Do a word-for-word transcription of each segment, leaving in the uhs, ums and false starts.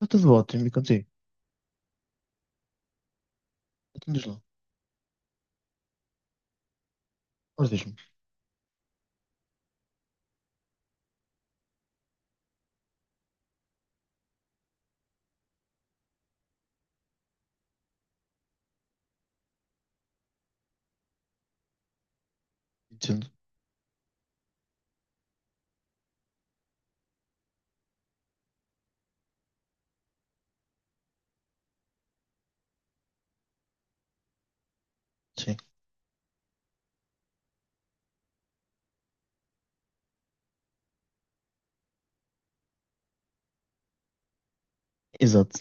Está tudo ótimo, e contigo? Então diz lá. Ora, diz-me. Entendo. Sim. Exato.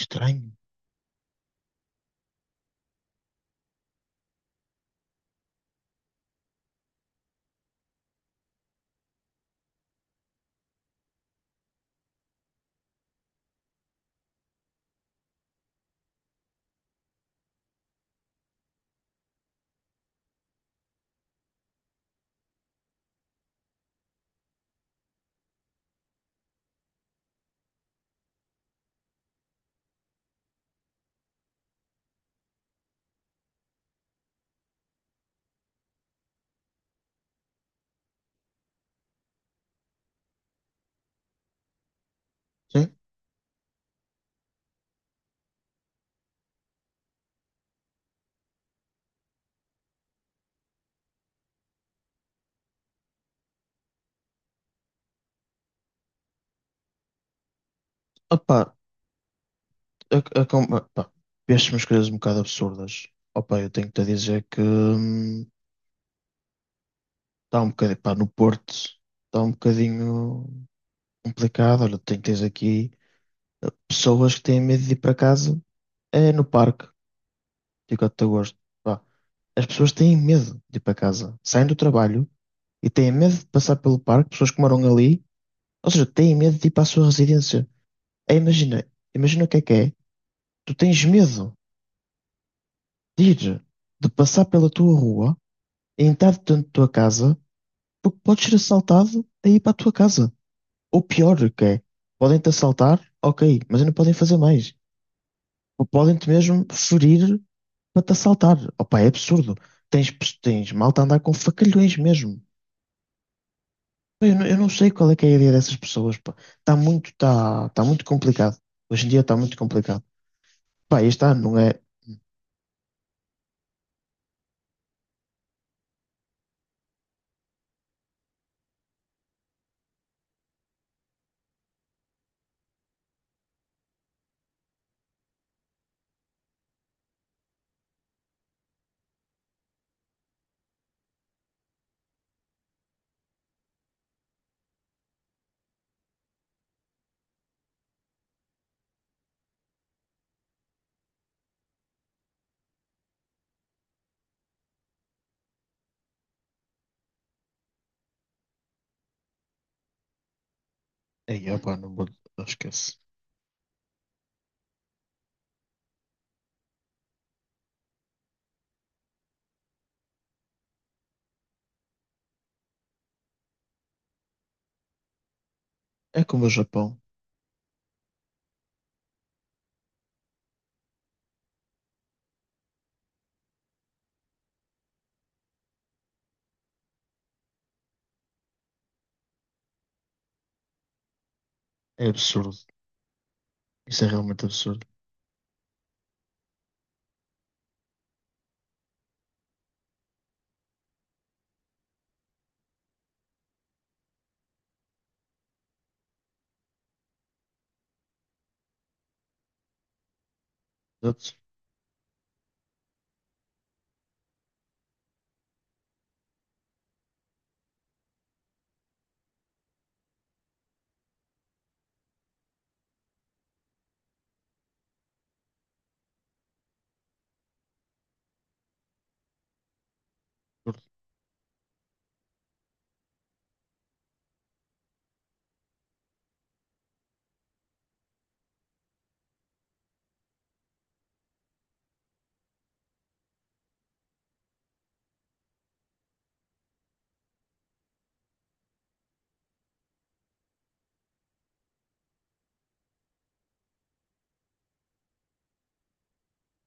Estranho. Sim. Opa, a, a, com- opa, vieste umas coisas um bocado absurdas. Opa, eu tenho que te dizer que hum, está um bocadinho, pá, no Porto está um bocadinho complicado. Olha, tem, tens aqui pessoas que têm medo de ir para casa, é no parque, digo até gosto. Pá, as pessoas têm medo de ir para casa, saem do trabalho e têm medo de passar pelo parque, pessoas que moram ali, ou seja, têm medo de ir para a sua residência. É, imagina, imagina o que é que é. Tu tens medo de ir, de passar pela tua rua, e entrar dentro da tua casa, porque podes ser assaltado a ir para a tua casa. Ou pior que é, podem-te assaltar, ok, mas não podem fazer mais. Ou podem-te mesmo ferir para te assaltar. Opa, é absurdo. Tens, pes- tens malta a andar com facalhões mesmo. Pá, eu não, eu não sei qual é que é a ideia dessas pessoas, pá. Está muito, está está muito complicado. Hoje em dia está muito complicado. Pá, este ano não é. Ei, opa, não vou. Esquece. É como o Japão. É absurdo. Isso é realmente absurdo. Exato. Absurdo.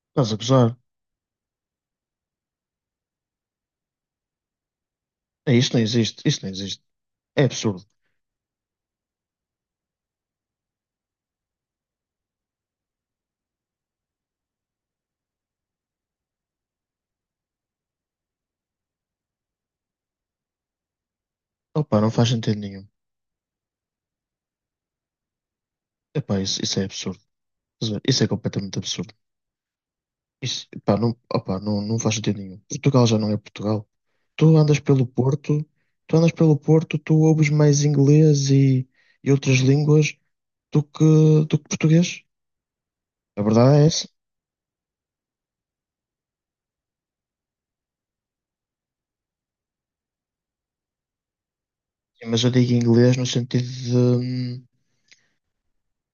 Estás a gozar? É, isto não existe. Isto não existe. É absurdo. Opa, não faz sentido nenhum. Epá, isso, isso é absurdo. Estás a ver? Isso é completamente absurdo. Isso, epá, não, opa, não, não faz sentido nenhum. Portugal já não é Portugal. Tu andas pelo Porto, tu andas pelo Porto, tu ouves mais inglês e, e outras línguas do que, do que português. A verdade é essa. Sim, mas eu digo inglês no sentido.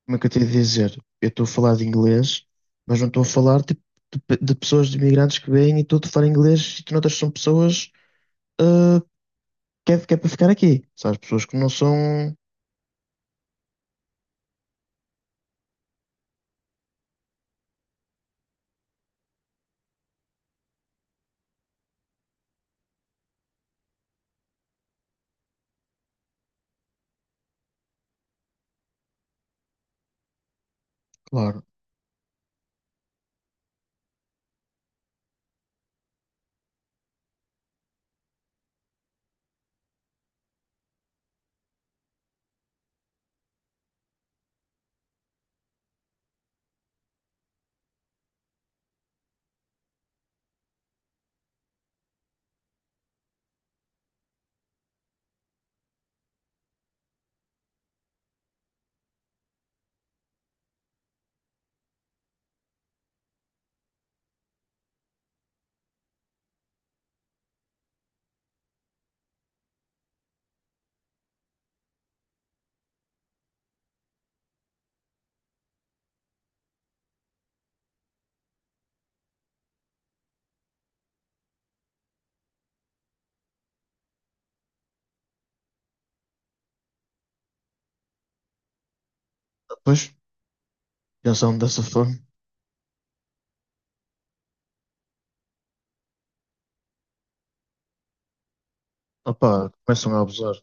Como é que eu te ia dizer? Eu estou a falar de inglês, mas não estou a falar tipo, de, pe- de pessoas, de imigrantes que vêm e estou a falar inglês e tu notas que são pessoas ah, que, é, que é para ficar aqui. Sabes? Pessoas que não são. Claro. Depois pensam dessa forma. Opa, começam a abusar.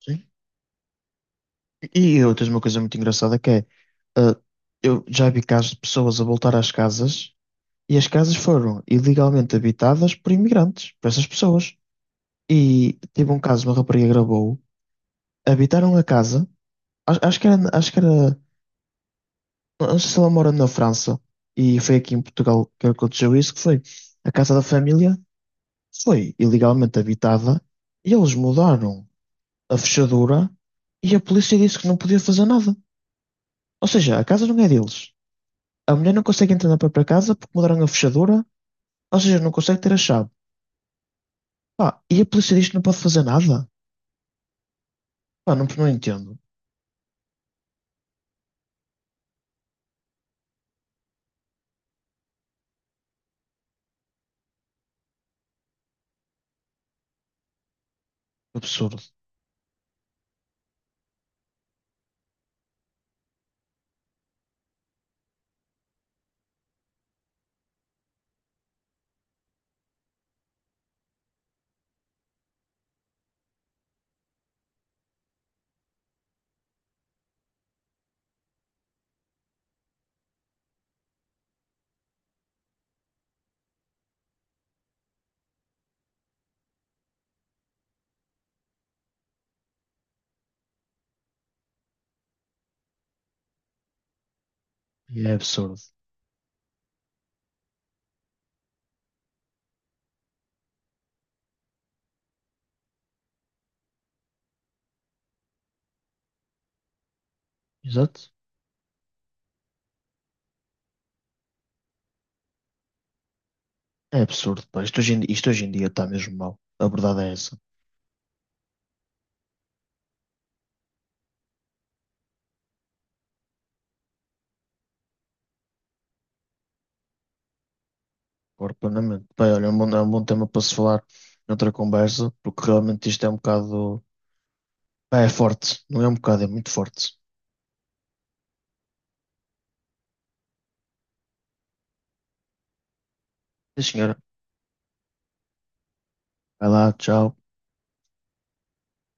Sim. E, e outras, uma coisa muito engraçada que é. ah, eu já vi casos de pessoas a voltar às casas e as casas foram ilegalmente habitadas por imigrantes, por essas pessoas. E teve um caso, uma rapariga gravou, habitaram a casa. Acho, acho que era, acho que era, não sei se ela mora na França e foi aqui em Portugal que aconteceu isso, que foi a casa da família, foi ilegalmente habitada e eles mudaram a fechadura e a polícia disse que não podia fazer nada. Ou seja, a casa não é deles. A mulher não consegue entrar na própria casa porque mudaram a fechadura, ou seja, não consegue ter a chave. Pá, e a polícia diz que não pode fazer nada? Pá, não, não entendo. Absurdo. E é absurdo. Exato. É absurdo, pá. Isto hoje em, isto hoje em dia está mesmo mal. A verdade é essa. Concordo plenamente. Bem, olha, é um bom, é um bom tema para se falar noutra conversa, porque realmente isto é um bocado. Pá, é forte, não é um bocado, é muito forte. Sim, senhora. Vai lá, tchau.